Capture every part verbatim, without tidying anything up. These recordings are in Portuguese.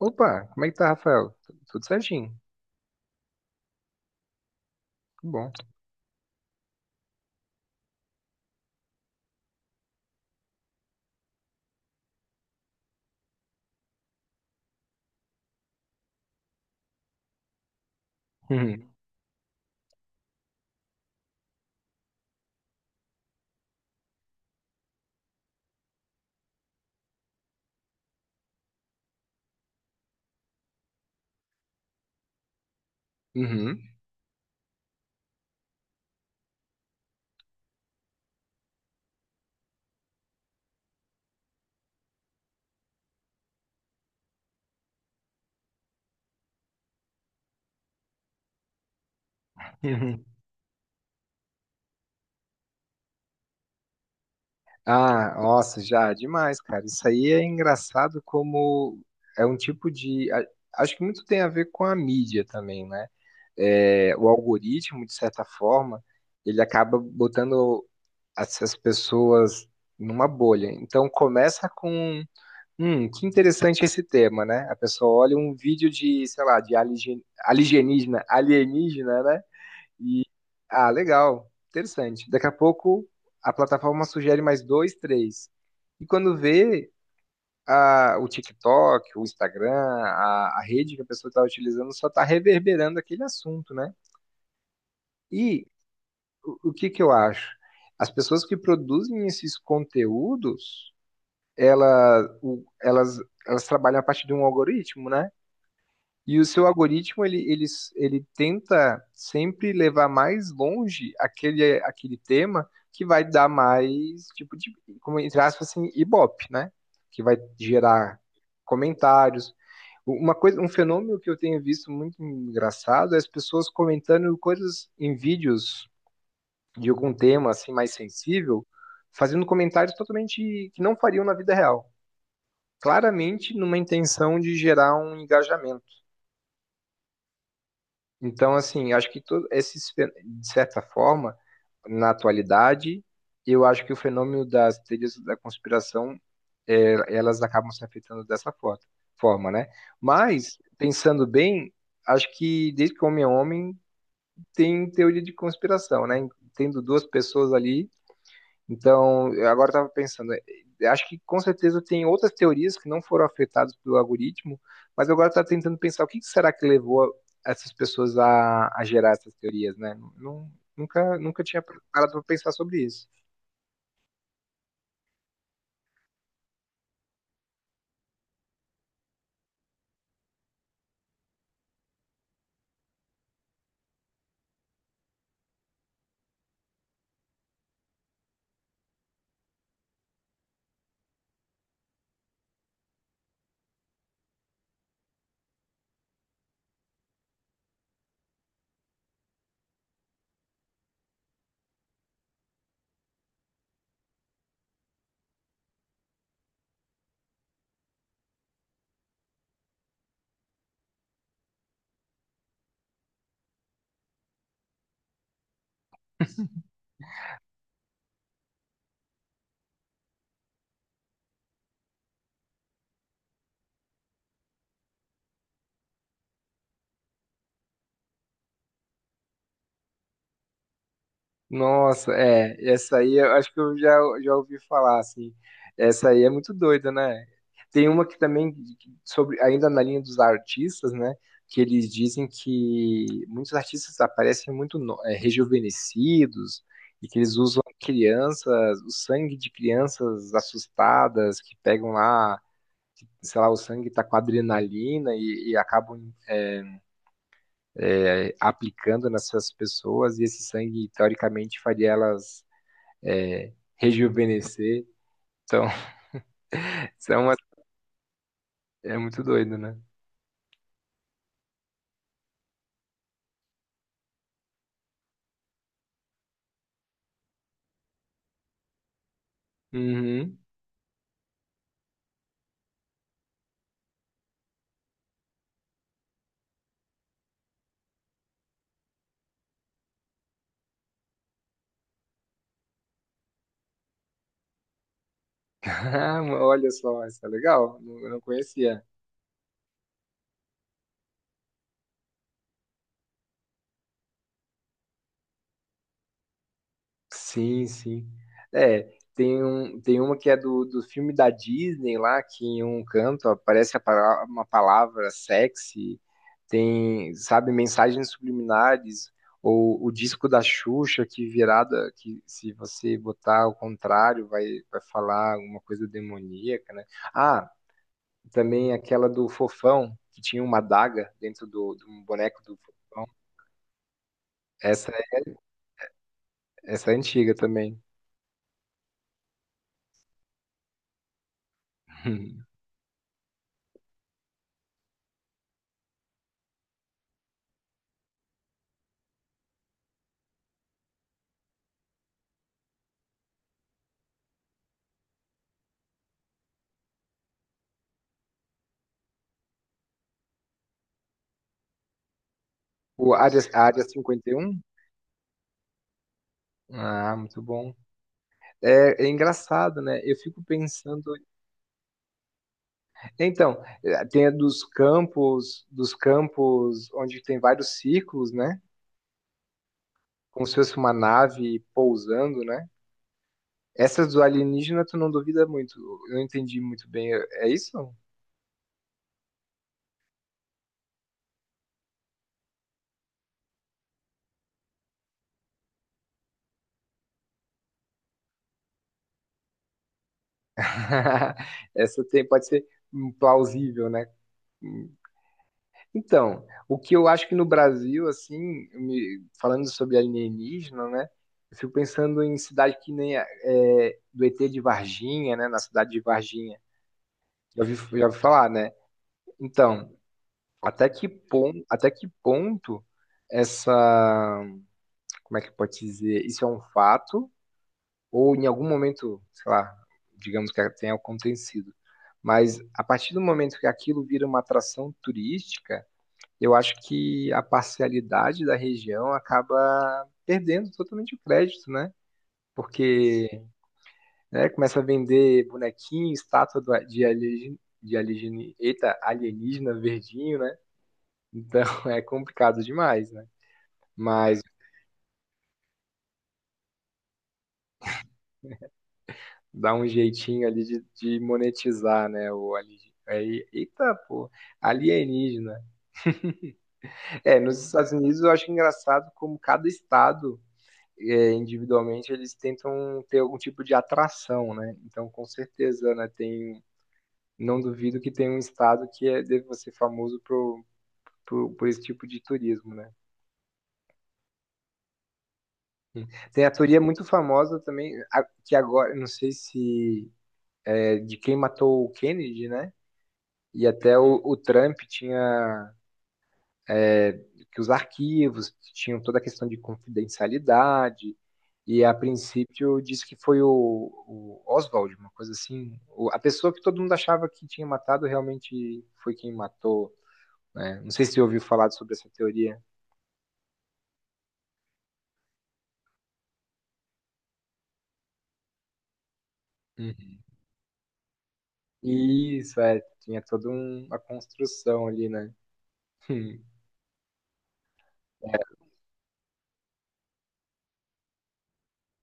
Opa, como é que tá, Rafael? Tu- Tudo certinho. Tudo bom. Uhum, uhum, uhum. Ah, nossa, já, demais, cara. Isso aí é engraçado como é um tipo de. a- Acho que muito tem a ver com a mídia também, né? É, o algoritmo, de certa forma, ele acaba botando essas pessoas numa bolha. Então começa com, hum, que interessante esse tema, né? A pessoa olha um vídeo de, sei lá, de aligen- alienígena, alienígena, né? E, ah, legal. Interessante. Daqui a pouco a plataforma sugere mais dois, três. E quando vê a- o TikTok, o Instagram, a, a rede que a pessoa está utilizando só está reverberando aquele assunto, né? E o, o que que eu acho? As pessoas que produzem esses conteúdos, ela- o- elas, elas trabalham a partir de um algoritmo, né? E o seu algoritmo, ele, ele, ele tenta sempre levar mais longe aquele, aquele tema que vai dar mais, tipo, de, como entre aspas, assim, ibope, né? Que vai gerar comentários. Uma coisa, um fenômeno que eu tenho visto muito engraçado é as pessoas comentando coisas em vídeos de algum tema, assim, mais sensível, fazendo comentários totalmente que não fariam na vida real. Claramente numa intenção de gerar um engajamento. Então, assim, acho que todo esses, fe- de certa forma, na atualidade, eu acho que o fenômeno das teorias da conspiração, é, elas acabam se afetando dessa fo- forma, né? Mas, pensando bem, acho que desde que o homem é homem, tem teoria de conspiração, né? Tendo duas pessoas ali então, eu agora estava pensando, eh, acho que com certeza tem outras teorias que não foram afetadas pelo algoritmo, mas eu agora estava tentando pensar o que que será que levou essas pessoas a, a gerar essas teorias, né? Nun- Nunca, nunca tinha parado para pensar sobre isso. Nossa, é, essa aí eu acho que eu já, já ouvi falar, assim. Essa aí é muito doida, né? Tem uma que também, sobre, ainda na linha dos artistas, né? Que eles dizem que muitos artistas aparecem muito no- é, rejuvenescidos e que eles usam crianças, o sangue de crianças assustadas que pegam lá, que, sei lá, o sangue tá com adrenalina e, e acabam é, é, aplicando nessas pessoas e esse sangue, teoricamente, faria elas é, rejuvenescer. Então, isso é, uma, é muito doido, né? Uhum. Ah, olha só, isso é legal. Não- Eu não conhecia. Sim, sim. É, tem um, tem uma que é do, do, filme da Disney lá, que em um canto aparece a pala- uma palavra sexy, tem, sabe, mensagens subliminares, ou o disco da Xuxa que virada, que se você botar ao contrário vai, vai falar alguma coisa demoníaca, né? Ah, também aquela do Fofão, que tinha uma adaga dentro do, do boneco do Fofão. Essa, é- essa é antiga também. O Área, a Área cinquenta e um. Ah, muito bom. É, é engraçado, né? Eu fico pensando. Então, eh, tem a dos campos, dos campos onde tem vários círculos, né? Como se fosse uma nave pousando, né? Essas do alienígena, tu não duvida muito. Eu não entendi muito bem. É isso? Essa tem, pode ser hum, plausível, né? Então, o que eu acho que no Brasil, assim, me- falando sobre alienígena, né? Eu fico pensando em cidade que nem a- é, do E T de Varginha, né? Na cidade de Varginha. Já ouvi, já ouvi falar, né? Então, até que ponto, até que ponto essa, como é que pode dizer? Isso é um fato? Ou em algum momento, sei lá, digamos que tenha acontecido. Mas a partir do momento que aquilo vira uma atração turística, eu acho que a parcialidade da região acaba perdendo totalmente o crédito, né? Porque né, começa a vender bonequinho, estátua do- de alienígena, de alienígena, eita, alienígena verdinho, né? Então é complicado demais, né? Mas dá um jeitinho ali de, de monetizar, né? O alienígena. Eita, pô, alienígena. É, nos Estados Unidos eu acho engraçado como cada estado é, individualmente, eles tentam ter algum tipo de atração, né? Então, com certeza, né? Tem, não duvido que tem um estado que é, deve ser famoso por, por, por esse tipo de turismo, né? Tem a teoria muito famosa também, a- que agora, não sei se é de quem matou o Kennedy, né? E até o, o Trump tinha que os arquivos tinham toda a questão de confidencialidade, e a princípio disse que foi o, o Oswald, uma coisa assim. O, a pessoa que todo mundo achava que tinha matado realmente foi quem matou. Né? Não sei se você ouviu falar sobre essa teoria. Uhum. Isso, é, tinha toda um, uma construção ali, né?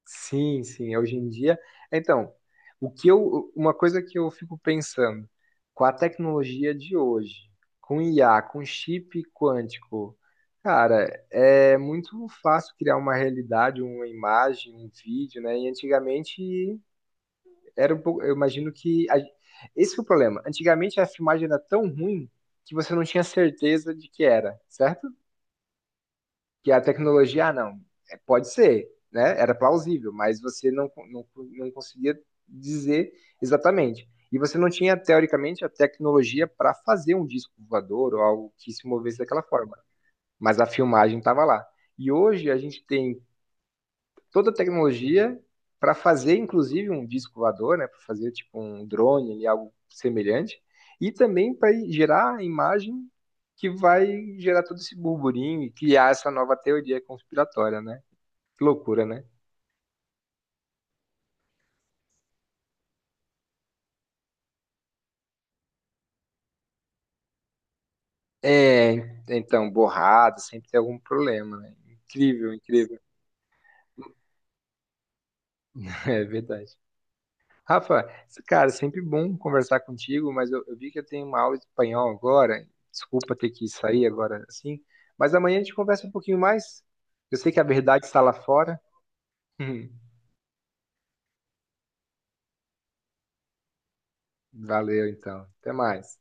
Sim, sim, é hoje em dia. Então, o que eu, uma coisa que eu fico pensando, com a tecnologia de hoje, com I A, com chip quântico, cara, é muito fácil criar uma realidade, uma imagem, um vídeo, né? E antigamente era um pouco, eu imagino que a- esse foi o problema. Antigamente a filmagem era tão ruim que você não tinha certeza de que era, certo? Que a tecnologia, ah, não, é, pode ser, né? Era plausível, mas você não, não, não conseguia dizer exatamente. E você não tinha, teoricamente, a tecnologia para fazer um disco voador ou algo que se movesse daquela forma. Mas a filmagem estava lá. E hoje a gente tem toda a tecnologia para fazer, inclusive, um disco voador, né? Para fazer tipo um drone ali, algo semelhante, e também para gerar a imagem que vai gerar todo esse burburinho e criar essa nova teoria conspiratória, né? Que loucura, né? É, então, borrado, sempre tem algum problema, né? Incrível, incrível. É verdade. Rafa, cara, é sempre bom conversar contigo, mas eu, eu vi que eu tenho uma aula de espanhol agora. Desculpa ter que sair agora assim, mas amanhã a gente conversa um pouquinho mais. Eu sei que a verdade está lá fora. Valeu, então. Até mais.